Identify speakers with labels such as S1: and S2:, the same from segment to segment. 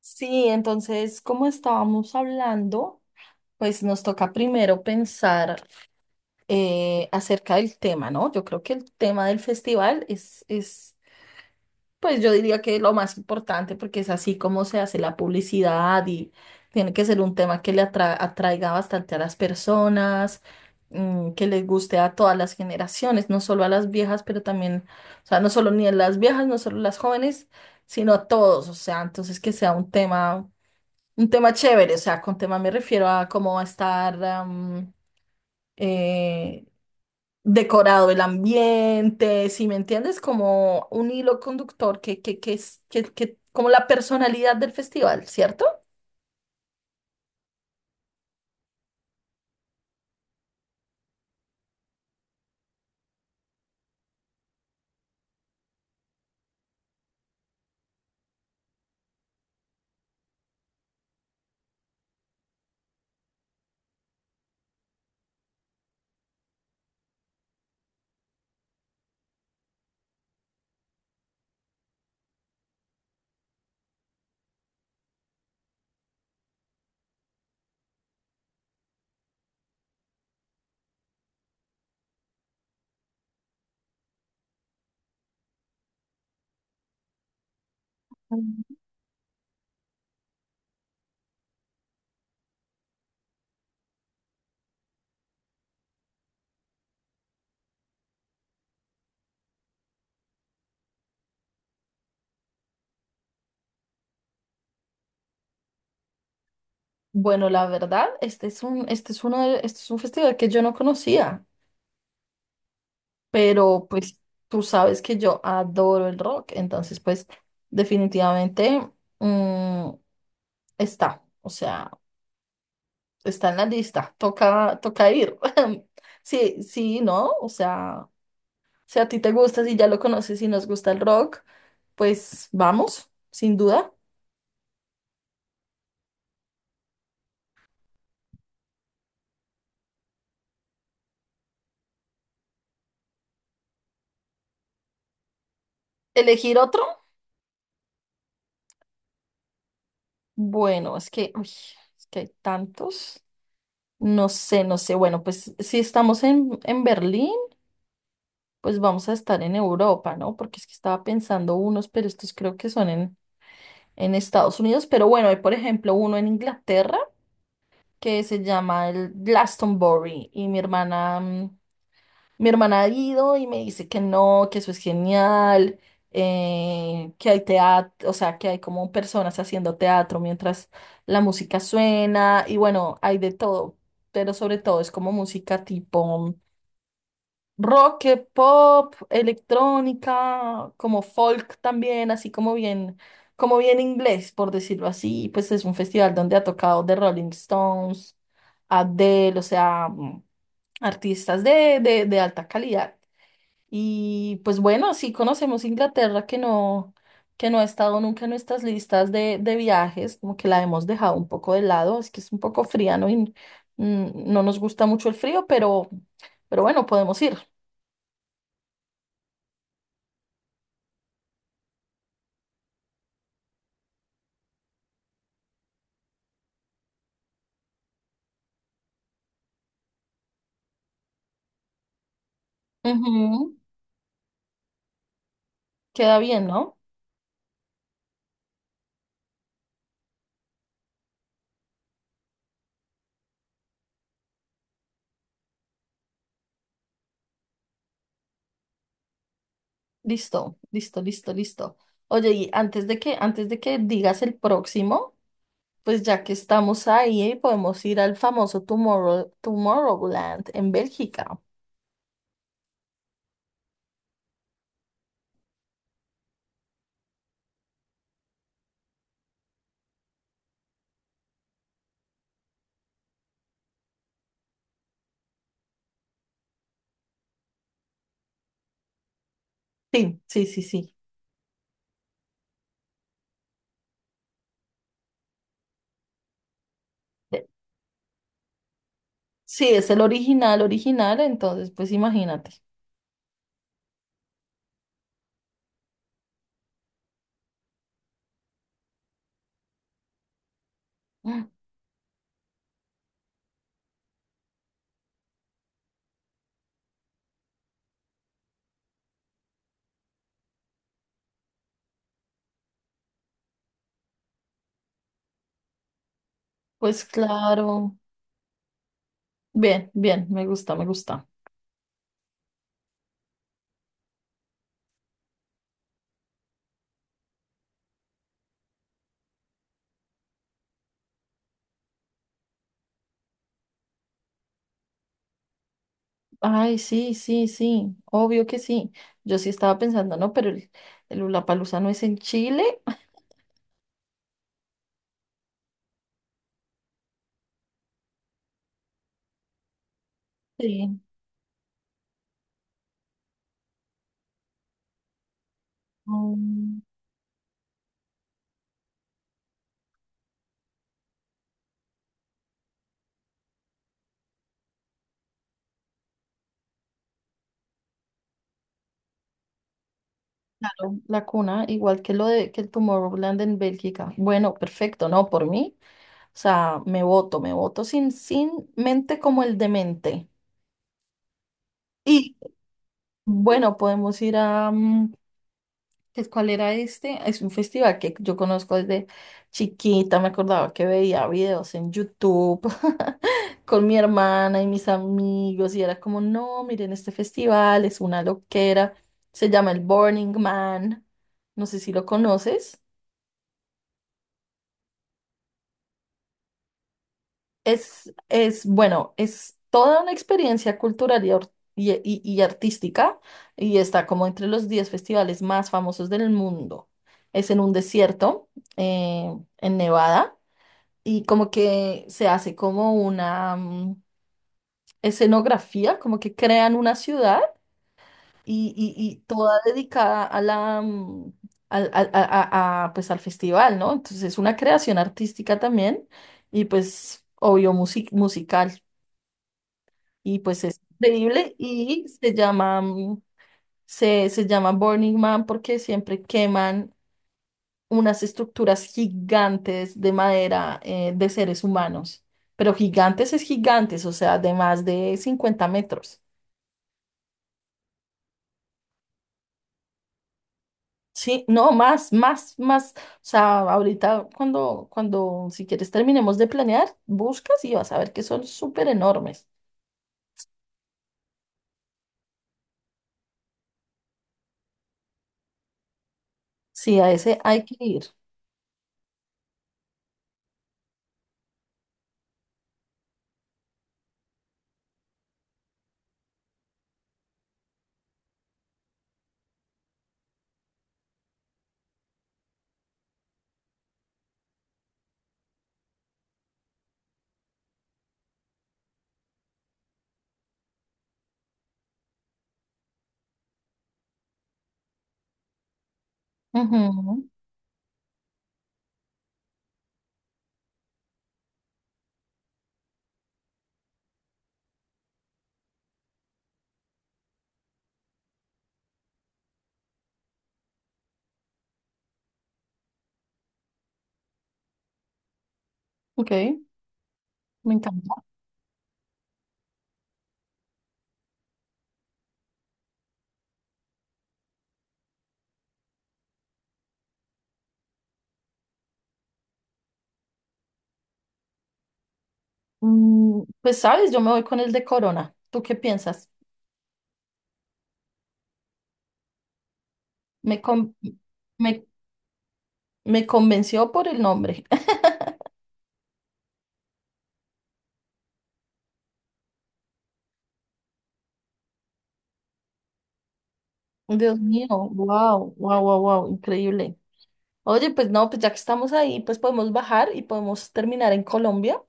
S1: Sí, entonces, como estábamos hablando, pues nos toca primero pensar acerca del tema, ¿no? Yo creo que el tema del festival pues yo diría que lo más importante porque es así como se hace la publicidad y tiene que ser un tema que atraiga bastante a las personas, mm, que les guste a todas las generaciones, no solo a las viejas, pero también, o sea, no solo ni a las viejas, no solo a las jóvenes, sino a todos, o sea, entonces que sea un tema chévere, o sea, con tema me refiero a cómo va a estar eh, decorado el ambiente, si me entiendes, como un hilo conductor que es que- como la personalidad del festival, ¿cierto? Bueno, la verdad, este es un, este es uno de- este es un festival que yo no conocía, pero pues tú sabes que yo adoro el rock, entonces pues definitivamente, mm, está, o sea, está en la lista, toca, toca ir. Sí, sí, ¿no? O sea, si a ti te gusta, si ya lo conoces y nos gusta el rock, pues vamos, sin duda. ¿Elegir otro? Bueno, es que, uy, es que hay tantos. No sé, no sé. Bueno, pues si estamos en Berlín, pues vamos a estar en Europa, ¿no? Porque es que estaba pensando unos, pero estos creo que son en Estados Unidos. Pero bueno, hay por ejemplo uno en Inglaterra que se llama el Glastonbury y mi hermana ha ido y me dice que no, que eso es genial, que hay teatro, o sea, que hay como personas haciendo teatro mientras la música suena y bueno, hay de todo, pero sobre todo es como música tipo mm, rock, pop, electrónica, como folk también, así como bien inglés, por decirlo así. Pues es un festival donde ha tocado The Rolling Stones, Adele, o sea, mm, artistas de alta calidad. Y pues bueno, sí conocemos Inglaterra, que no ha estado nunca en nuestras listas de viajes, como que la hemos dejado un poco de lado, es que es un poco fría, ¿no? Y mm, no nos gusta mucho el frío, pero bueno, podemos ir. Ujú. Queda bien, ¿no? Listo, listo, listo, listo. Oye, antes de que digas el próximo, pues ya que estamos ahí, podemos ir al famoso Tomorrowland en Bélgica. Sí, sí, sí, sí. Eh, Sí, es el original, original, entonces, pues imagínate. Mm, Pues claro. Bien, bien, me gusta, me gusta. Ay, sí, sí, sí, obvio que sí. Yo sí estaba pensando, no, pero el Lollapalooza no es en Chile. Sí. Mm, claro, la cuna, igual que lo de que el Tomorrowland en Bélgica. Bueno, perfecto, no, por mí. O sea, me voto sin mente como el demente. Y bueno, podemos ir a, mm, cuál era este? Es un festival que yo conozco desde chiquita, me acordaba que veía videos en YouTube con mi hermana y mis amigos y era como, no, miren, este festival es una loquera, se llama el Burning Man, no sé si lo conoces. Es, bueno, es toda una experiencia cultural y artística y está como entre los 10 festivales más famosos del mundo. Es en un desierto, eh, en Nevada, y como que se hace como una mm, escenografía, como que crean una ciudad toda dedicada a la, mm, al, al- a, pues, al festival, ¿no? Entonces es una creación artística también y pues obvio musical. Y pues es increíble y se llama, mm, se llama Burning Man porque siempre queman unas estructuras gigantes de madera, de seres humanos. Pero gigantes es gigantes, o sea, de más de 50 metros. Sí, no, más, más, más. O sea, ahorita cuando, si quieres terminemos de planear, buscas y vas a ver que son súper enormes. Sí, a ese hay que ir. Ujú. Ok, me encanta. Mm, Pues sabes, yo me voy con el de Corona. ¿Tú qué piensas? Me, con- me, me convenció por el nombre. Dios mío, wow, wow, wow, wow, increíble. Oye, pues no, pues ya que estamos ahí, pues podemos bajar y podemos terminar en Colombia,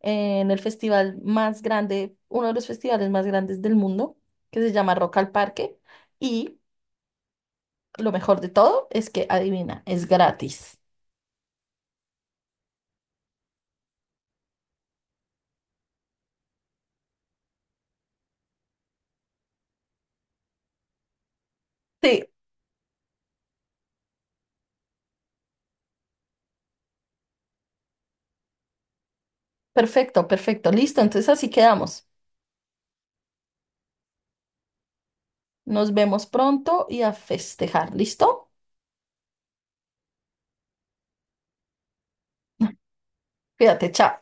S1: en el festival más grande, uno de los festivales más grandes del mundo, que se llama Rock al Parque. Y lo mejor de todo es que, adivina, es gratis. Sí, perfecto, perfecto, listo. Entonces así quedamos. Nos vemos pronto y a festejar. ¿Listo? Cuídate, chao.